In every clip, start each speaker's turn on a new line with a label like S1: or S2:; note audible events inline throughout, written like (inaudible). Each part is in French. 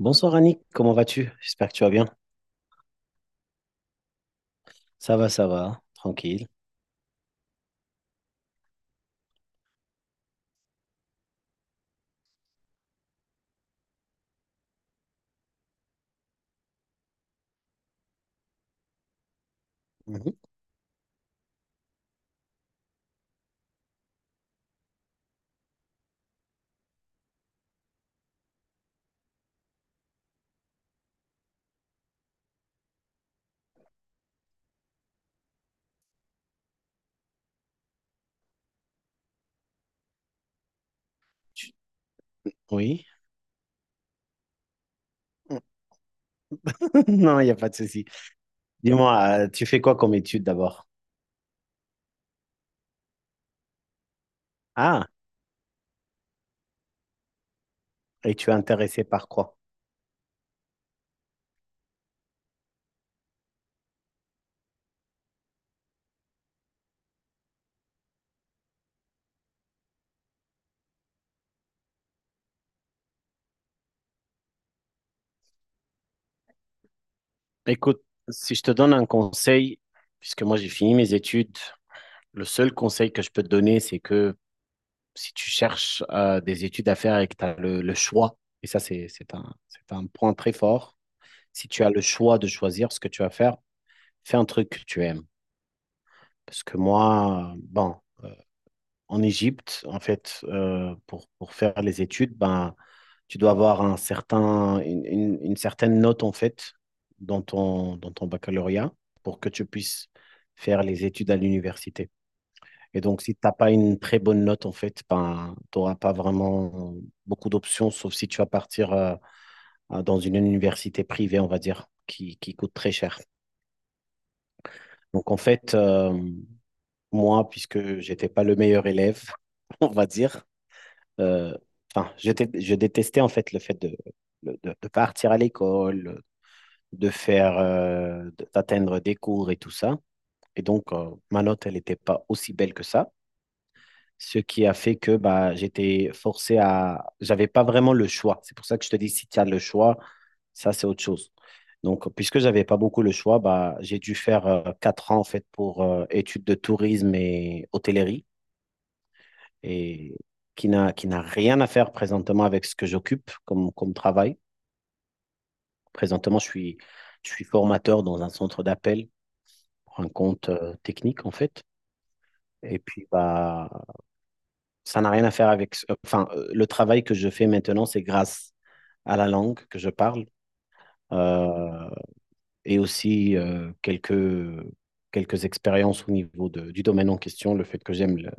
S1: Bonsoir Annick, comment vas-tu? J'espère que tu vas bien. Ça va, tranquille. Mhm. Tu- Oui? (laughs) Non, il n'y a pas de souci. Dis-moi, tu fais quoi comme étude d'abord? Ah, et tu es intéressé par quoi? Écoute, si je te donne un conseil, puisque moi j'ai fini mes études, le seul conseil que je peux te donner, c'est que si tu cherches des études à faire et que tu as le choix, et ça c'est un, c'est un point très fort, si tu as le choix de choisir ce que tu vas faire, fais un truc que tu aimes. Parce que moi, en Égypte, en fait, pour faire les études, ben, tu dois avoir un certain, une, une certaine note, en fait, dans ton baccalauréat pour que tu puisses faire les études à l'université. Et donc, si tu n'as pas une très bonne note, en fait, ben, tu n'auras pas vraiment beaucoup d'options, sauf si tu vas partir dans une université privée, on va dire, qui coûte très cher. Donc, en fait, moi, puisque j'étais pas le meilleur élève, (laughs) on va dire. Euh, enfin, je détestais en fait le fait de partir à l'école, de faire, d'atteindre des cours et tout ça. Et donc, ma note, elle n'était pas aussi belle que ça. Ce qui a fait que bah, j'étais forcé à... J'avais pas vraiment le choix. C'est pour ça que je te dis, si tu as le choix, ça, c'est autre chose. Donc, puisque j'avais pas beaucoup le choix, bah, j'ai dû faire 4 ans en fait pour études de tourisme et hôtellerie et qui n'a rien à faire présentement avec ce que j'occupe comme, comme travail. Présentement, je suis formateur dans un centre d'appel pour un compte technique, en fait. Et puis, bah, ça n'a rien à faire avec. Enfin, le travail que je fais maintenant, c'est grâce à la langue que je parle euh, et aussi quelques expériences au niveau du domaine en question, le fait que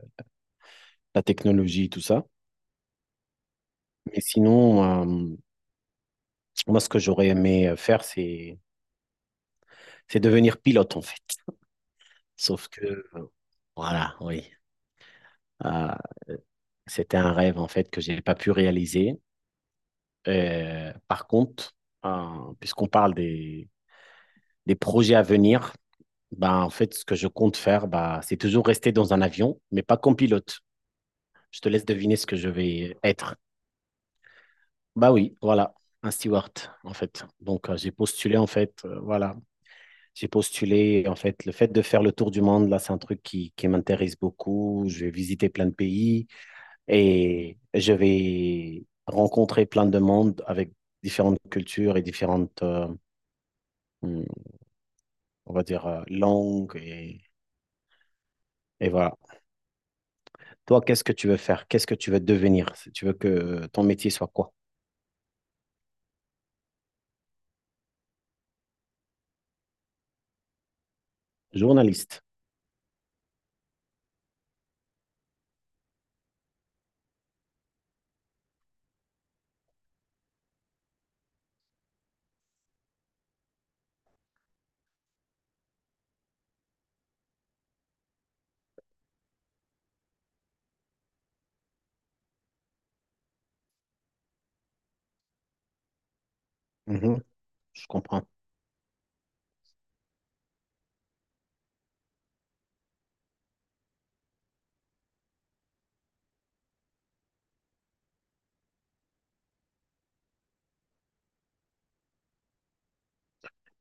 S1: la technologie, tout ça. Mais sinon, moi, ce que j'aurais aimé faire, c'est devenir pilote, en fait. Sauf que, euh, voilà, oui. Euh, c'était un rêve, en fait, que j'ai pas pu réaliser. Par contre, puisqu'on parle des projets à venir, bah, en fait, ce que je compte faire, bah, c'est toujours rester dans un avion, mais pas comme pilote. Je te laisse deviner ce que je vais être. Bah oui, voilà, un steward, en fait. Donc, j'ai postulé, en fait, voilà. J'ai postulé, en fait, le fait de faire le tour du monde, là, c'est un truc qui m'intéresse beaucoup. Je vais visiter plein de pays. Et je vais rencontrer plein de monde avec différentes cultures et différentes, hum, on va dire, langues. Et voilà. Toi, qu'est-ce que tu veux faire? Qu'est-ce que tu veux devenir? Si tu veux que ton métier soit quoi? Journaliste. Mhm, je comprends.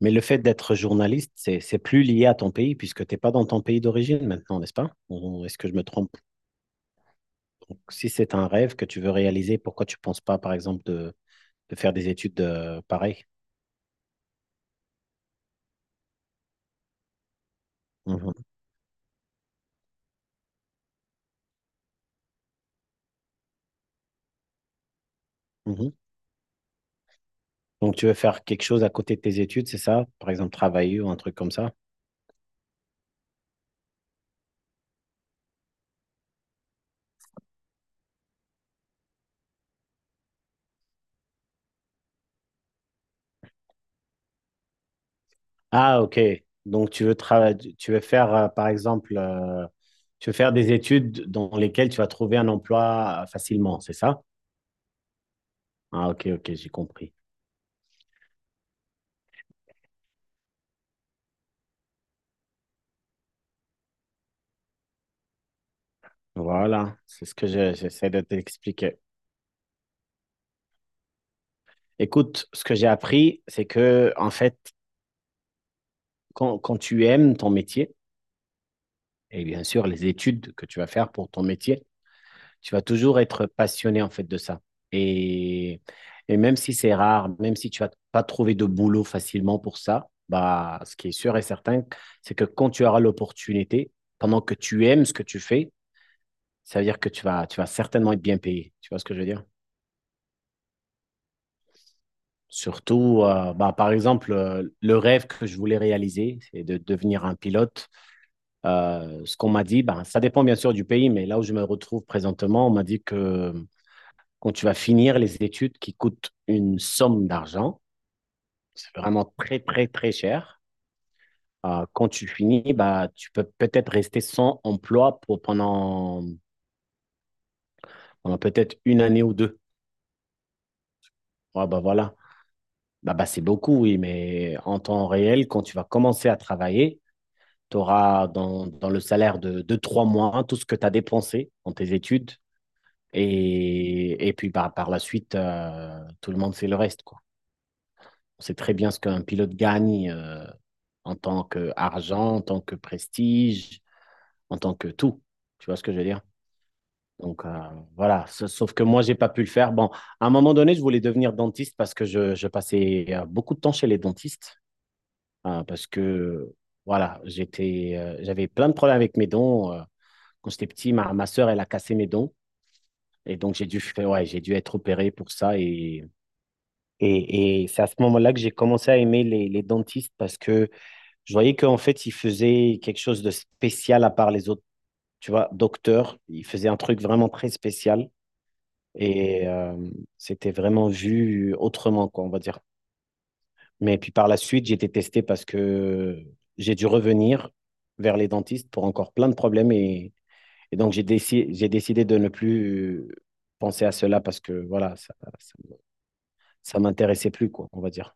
S1: Mais le fait d'être journaliste, c'est plus lié à ton pays puisque tu n'es pas dans ton pays d'origine maintenant, n'est-ce pas? Ou est-ce que je me trompe? Donc, si c'est un rêve que tu veux réaliser, pourquoi tu ne penses pas, par exemple, de faire des études pareilles? Mhm, mhm. Donc, tu veux faire quelque chose à côté de tes études, c'est ça? Par exemple, travailler ou un truc comme ça? Ah, ok. Donc, tu veux faire, par exemple, tu veux faire des études dans lesquelles tu vas trouver un emploi facilement, c'est ça? Ah, ok, ok, j'ai compris. Voilà, c'est ce que j'essaie de t'expliquer. Écoute, ce que j'ai appris, c'est que, en fait, quand tu aimes ton métier, et bien sûr, les études que tu vas faire pour ton métier, tu vas toujours être passionné en fait de ça. Et, et même si c'est rare, même si tu vas pas trouver de boulot facilement pour ça, bah, ce qui est sûr et certain, c'est que quand tu auras l'opportunité, pendant que tu aimes ce que tu fais, ça veut dire que tu vas certainement être bien payé. Tu vois ce que je veux dire? Surtout, bah, par exemple, le rêve que je voulais réaliser, c'est de devenir un pilote. Ce qu'on m'a dit, bah, ça dépend bien sûr du pays, mais là où je me retrouve présentement, on m'a dit que quand tu vas finir les études qui coûtent une somme d'argent, c'est vraiment très, très, très cher. Quand tu finis, bah, tu peux peut-être rester sans emploi pour pendant, pendant peut-être une année ou deux. Ah bah voilà. Bah, bah, c'est beaucoup, oui, mais en temps réel, quand tu vas commencer à travailler, tu auras dans, dans le salaire de 3 mois tout ce que tu as dépensé dans tes études. Et puis bah, par la suite, tout le monde sait le reste, quoi. On sait très bien ce qu'un pilote gagne en tant qu'argent, en tant que prestige, en tant que tout. Tu vois ce que je veux dire? Donc voilà, sauf que moi, j'ai pas pu le faire. Bon, à un moment donné, je voulais devenir dentiste parce que je passais beaucoup de temps chez les dentistes, parce que voilà, j'étais, j'avais plein de problèmes avec mes dents. Quand j'étais petit, ma sœur, elle a cassé mes dents. Et donc, ouais, j'ai dû être opéré pour ça. Et c'est à ce moment-là que j'ai commencé à aimer les dentistes parce que je voyais qu'en fait, ils faisaient quelque chose de spécial à part les autres tu vois, docteur. Il faisait un truc vraiment très spécial et c'était vraiment vu autrement, quoi, on va dire. Mais puis par la suite, j'ai été testé parce que j'ai dû revenir vers les dentistes pour encore plein de problèmes et donc j'ai décidé de ne plus penser à cela parce que voilà, ça m'intéressait plus, quoi, on va dire.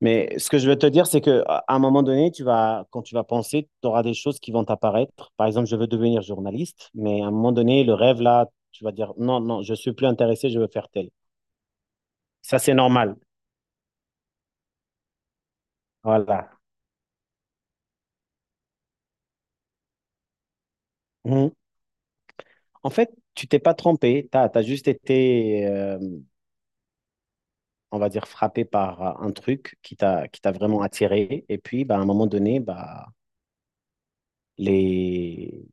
S1: Mais ce que je veux te dire, c'est que à un moment donné, quand tu vas penser, tu auras des choses qui vont t'apparaître. Par exemple, je veux devenir journaliste, mais à un moment donné, le rêve là, tu vas dire non, non, je suis plus intéressé, je veux faire tel. Ça, c'est normal. Voilà. Mhm. En fait, tu t'es pas trompé, tu as, juste été, on va dire, frappé par un truc qui t'a vraiment attiré. Et puis, bah, à un moment donné, bah, les,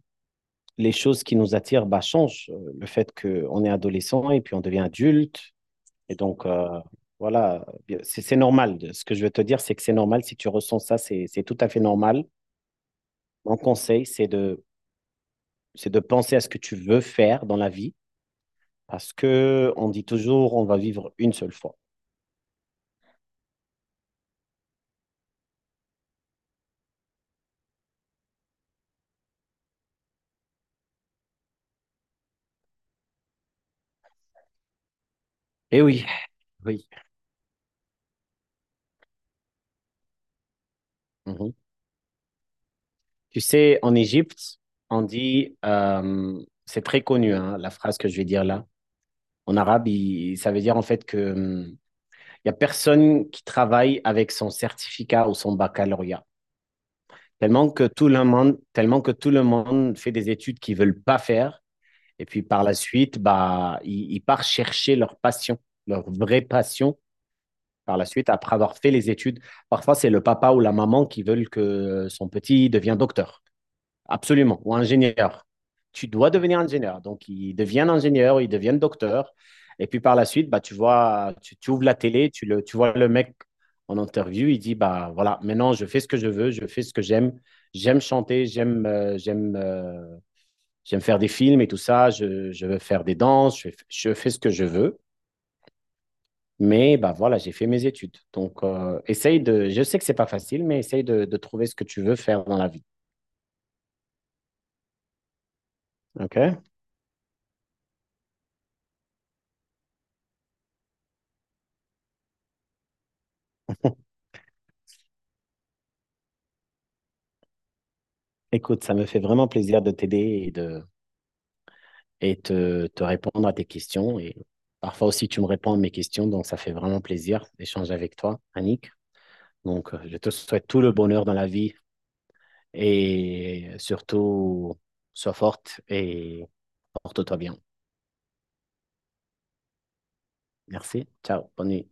S1: les choses qui nous attirent bah, changent. Le fait qu'on est adolescent et puis on devient adulte. Et donc, voilà, c'est normal. Ce que je veux te dire, c'est que c'est normal. Si tu ressens ça, c'est tout à fait normal. Mon conseil, c'est de penser à ce que tu veux faire dans la vie, parce que on dit toujours, on va vivre une seule fois. Eh oui, oui. Mhm. Tu sais, en Égypte, on dit, c'est très connu, hein, la phrase que je vais dire là. En arabe, ça veut dire en fait que, il y a personne qui travaille avec son certificat ou son baccalauréat. Tellement que tout le monde fait des études qu'ils ne veulent pas faire. Et puis par la suite, bah, ils partent chercher leur passion, leur vraie passion. Par la suite, après avoir fait les études, parfois c'est le papa ou la maman qui veulent que son petit devienne docteur. Absolument. Ou ingénieur. Tu dois devenir ingénieur. Donc, ils deviennent ingénieurs, ils deviennent docteurs. Et puis par la suite, bah, tu vois, tu ouvres la télé, tu, le, tu vois le mec en interview, il dit, bah voilà, maintenant je fais ce que je veux, je fais ce que j'aime, j'aime chanter, j'aime faire des films et tout ça, je veux faire des danses, je fais ce que je veux. Mais bah voilà, j'ai fait mes études. Donc, essaye de. Je sais que c'est pas facile, mais essaye de trouver ce que tu veux faire dans la vie. OK? Écoute, ça me fait vraiment plaisir de t'aider et de te, te répondre à tes questions. Et parfois aussi, tu me réponds à mes questions, donc ça fait vraiment plaisir d'échanger avec toi, Annick. Donc, je te souhaite tout le bonheur dans la vie et surtout, sois forte et porte-toi bien. Merci. Ciao. Bonne nuit.